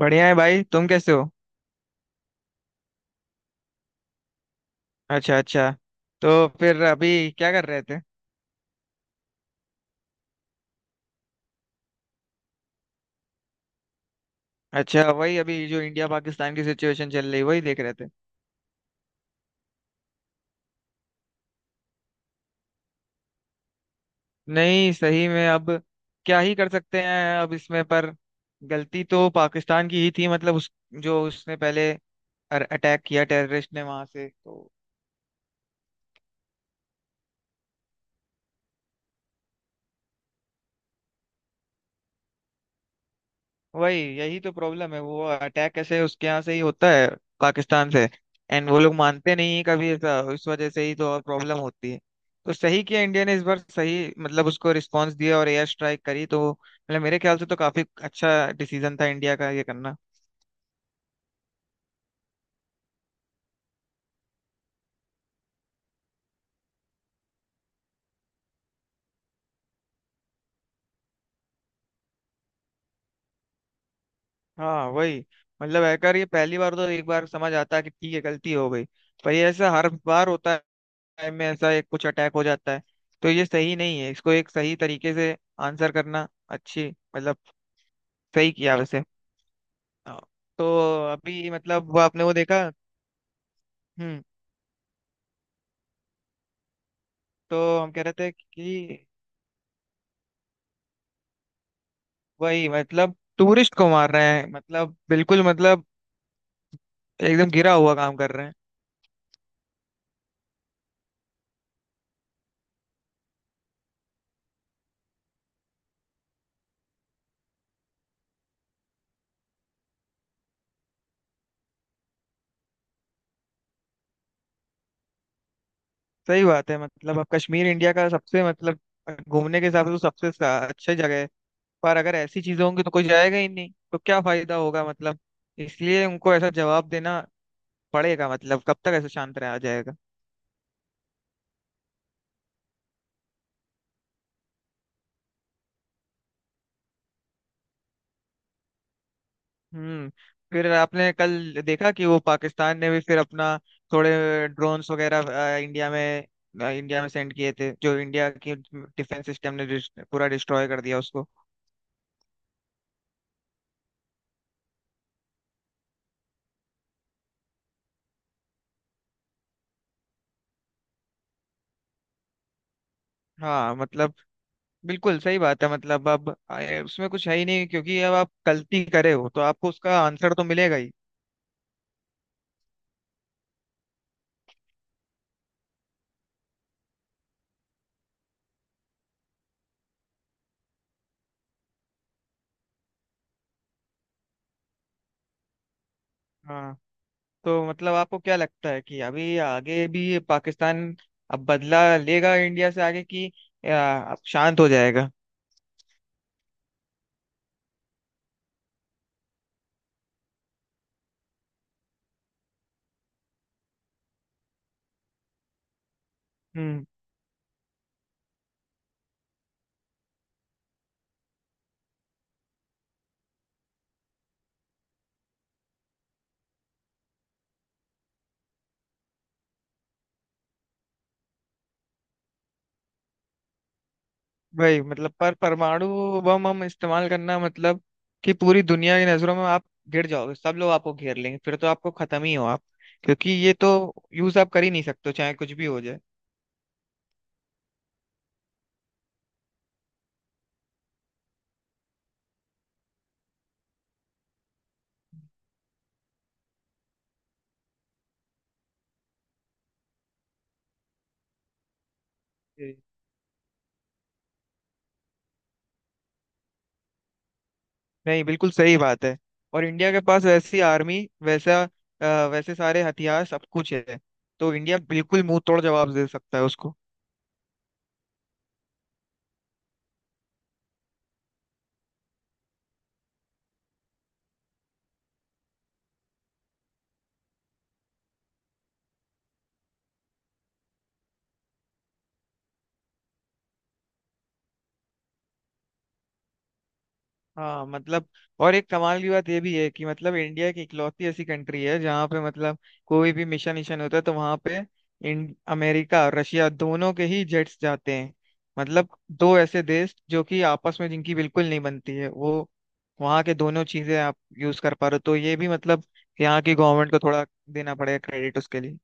बढ़िया है भाई, तुम कैसे हो? अच्छा अच्छा। तो फिर अभी क्या कर रहे थे? अच्छा, वही अभी जो इंडिया पाकिस्तान की सिचुएशन चल रही, वही देख रहे थे। नहीं, सही में अब क्या ही कर सकते हैं अब इसमें, पर गलती तो पाकिस्तान की ही थी। मतलब उस, जो उसने पहले अटैक किया टेररिस्ट ने वहां से, तो वही, यही तो प्रॉब्लम है। वो अटैक कैसे उसके यहाँ से ही होता है, पाकिस्तान से। एंड वो लोग मानते नहीं है कभी ऐसा, इस वजह से ही तो और प्रॉब्लम होती है। तो सही किया इंडिया ने इस बार, सही मतलब उसको रिस्पांस दिया और एयर स्ट्राइक करी, तो मतलब मेरे ख्याल से तो काफी अच्छा डिसीजन था इंडिया का ये करना। हाँ वही, मतलब हैकर ये पहली बार तो एक बार समझ आता है कि ठीक है, गलती हो गई। पर ये ऐसा हर बार होता है। time में ऐसा एक कुछ अटैक हो जाता है। तो ये सही नहीं है, इसको एक सही तरीके से आंसर करना अच्छी, मतलब सही किया वैसे। हाँ। तो अभी मतलब वो, आपने वो देखा? हम्म। तो हम कह रहे थे कि वही, मतलब टूरिस्ट को मार रहे हैं, मतलब बिल्कुल, मतलब एकदम गिरा हुआ काम कर रहे हैं। सही बात है। मतलब अब कश्मीर इंडिया का सबसे मतलब, घूमने के हिसाब से तो सबसे अच्छी जगह है। पर अगर ऐसी चीजें होंगी तो कोई जाएगा ही नहीं, तो क्या फायदा होगा मतलब। इसलिए उनको ऐसा जवाब देना पड़ेगा, मतलब कब तक ऐसे शांत रहा जाएगा? हम्म। फिर आपने कल देखा कि वो पाकिस्तान ने भी फिर अपना थोड़े ड्रोन्स वगैरह अ, इंडिया में इंडिया में सेंड किए थे, जो इंडिया की डिफेंस सिस्टम ने पूरा डिस्ट्रॉय कर दिया उसको। हाँ मतलब, बिल्कुल सही बात है। मतलब अब उसमें कुछ है ही नहीं, क्योंकि अब आप गलती करे हो तो आपको उसका आंसर तो मिलेगा ही। हाँ। तो मतलब आपको क्या लगता है कि अभी आगे भी पाकिस्तान अब बदला लेगा इंडिया से आगे, कि अब शांत हो जाएगा? हम्म। वही, मतलब पर परमाणु बम हम इस्तेमाल करना मतलब कि पूरी दुनिया की नजरों में आप गिर जाओगे, सब लोग आपको घेर लेंगे, फिर तो आपको खत्म ही हो आप। क्योंकि ये तो यूज आप कर ही नहीं सकते हो, चाहे कुछ भी हो जाए। जी। नहीं, बिल्कुल सही बात है। और इंडिया के पास वैसी आर्मी, वैसा वैसे सारे हथियार सब कुछ है। तो इंडिया बिल्कुल मुंह तोड़ जवाब दे सकता है उसको। हाँ मतलब, और एक कमाल की बात ये भी है कि मतलब इंडिया की इकलौती ऐसी कंट्री है जहाँ पे मतलब कोई भी मिशन मिशन होता है तो वहाँ पे इन अमेरिका और रशिया दोनों के ही जेट्स जाते हैं। मतलब दो ऐसे देश जो कि आपस में जिनकी बिल्कुल नहीं बनती है, वो वहाँ के दोनों चीजें आप यूज कर पा रहे हो, तो ये भी मतलब यहाँ की गवर्नमेंट को थोड़ा देना पड़ेगा क्रेडिट उसके लिए।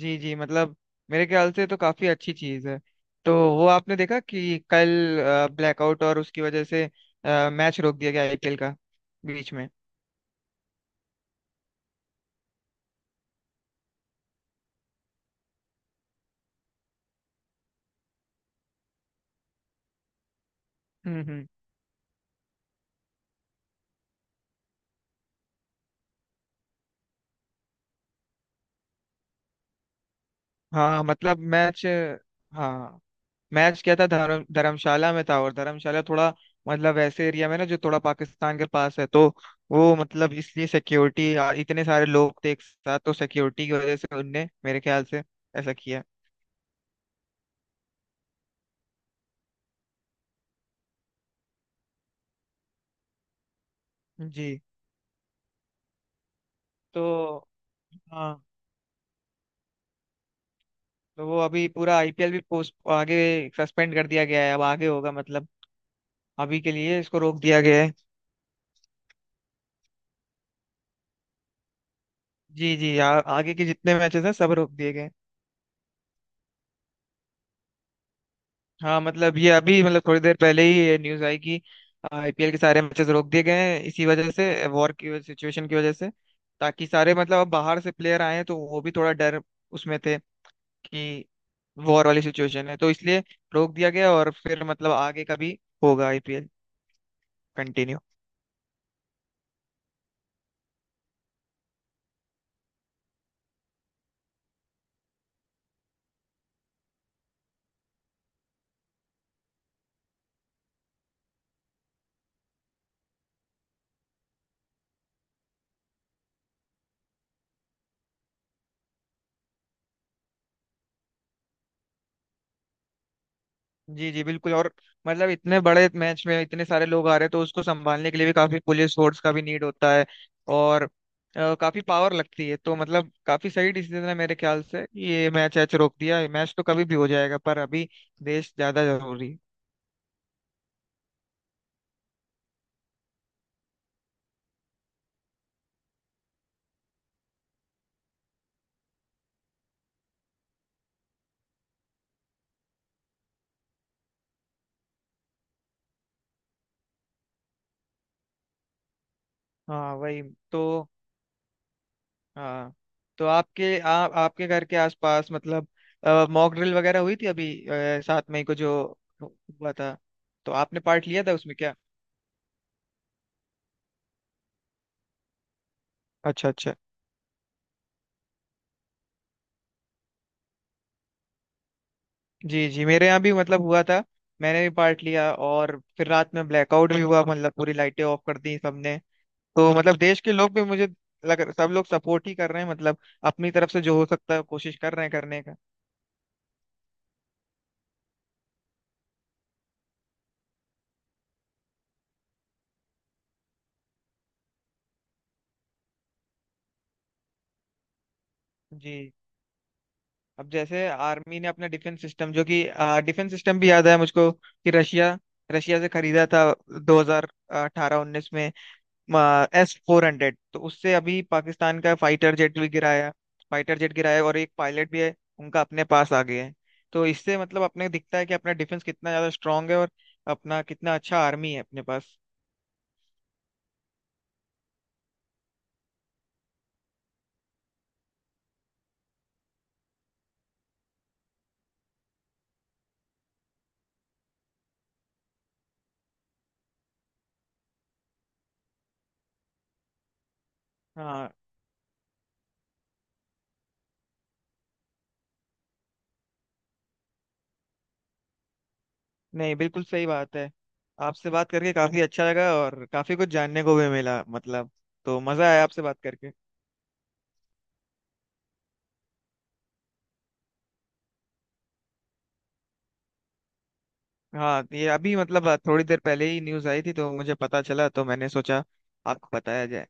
जी जी, मतलब मेरे ख्याल से तो काफी अच्छी चीज है। तो वो आपने देखा कि कल ब्लैकआउट, और उसकी वजह से मैच रोक दिया गया आईपीएल का बीच में? हम्म, हाँ मतलब मैच, हाँ, मैच क्या था, धर्मशाला में था। और धर्मशाला थोड़ा, मतलब ऐसे एरिया में ना जो थोड़ा पाकिस्तान के पास है, तो वो मतलब इसलिए सिक्योरिटी, इतने सारे लोग थे एक साथ, तो सिक्योरिटी की वजह से उनने मेरे ख्याल से ऐसा किया। जी। तो हाँ, तो वो अभी पूरा आईपीएल भी पोस्ट आगे सस्पेंड कर दिया गया है, अब आगे होगा मतलब, अभी के लिए इसको रोक दिया गया है। जी जी, आगे के जितने मैचेस हैं सब रोक दिए गए हैं। हाँ मतलब, ये अभी मतलब थोड़ी देर पहले ही ये न्यूज आई कि आईपीएल के सारे मैचेस रोक दिए गए हैं, इसी वजह से, वॉर की सिचुएशन की वजह से। ताकि सारे मतलब, अब बाहर से प्लेयर आए हैं तो वो भी थोड़ा डर उसमें थे कि वॉर वाली सिचुएशन है, तो इसलिए रोक दिया गया, और फिर मतलब आगे का भी होगा आईपीएल कंटिन्यू। जी जी बिल्कुल, और मतलब इतने बड़े मैच में इतने सारे लोग आ रहे हैं, तो उसको संभालने के लिए भी काफी पुलिस फोर्स का भी नीड होता है। और काफी पावर लगती है, तो मतलब काफी सही डिसीजन है मेरे ख्याल से, ये मैच ऐच रोक दिया। ये मैच तो कभी भी हो जाएगा, पर अभी देश ज्यादा जरूरी है। हाँ वही। तो हाँ, तो आपके घर के आसपास मतलब मॉक ड्रिल वगैरह हुई थी अभी, 7 मई को जो हुआ था? तो आपने पार्ट लिया था उसमें क्या? अच्छा अच्छा। जी जी, मेरे यहाँ भी मतलब हुआ था, मैंने भी पार्ट लिया, और फिर रात में ब्लैकआउट भी हुआ, मतलब पूरी लाइटें ऑफ कर दी सबने। तो मतलब देश के लोग भी, मुझे लग सब लोग सपोर्ट ही कर रहे हैं, मतलब अपनी तरफ से जो हो सकता है कोशिश कर रहे हैं करने का। जी। अब जैसे आर्मी ने अपना डिफेंस सिस्टम, जो कि डिफेंस सिस्टम भी याद है मुझको कि रशिया रशिया से खरीदा था 2018-19 में, S-400, तो उससे अभी पाकिस्तान का फाइटर जेट भी गिराया। फाइटर जेट गिराया, और एक पायलट भी है उनका अपने पास आ गया है। तो इससे मतलब अपने दिखता है कि अपना डिफेंस कितना ज्यादा स्ट्रांग है, और अपना कितना अच्छा आर्मी है अपने पास। हाँ। नहीं, बिल्कुल सही बात है। आपसे बात करके काफी अच्छा लगा, और काफी कुछ जानने को भी मिला मतलब। तो मजा आया आपसे बात करके। हाँ, ये अभी मतलब थोड़ी देर पहले ही न्यूज आई थी, तो मुझे पता चला तो मैंने सोचा आपको बताया जाए।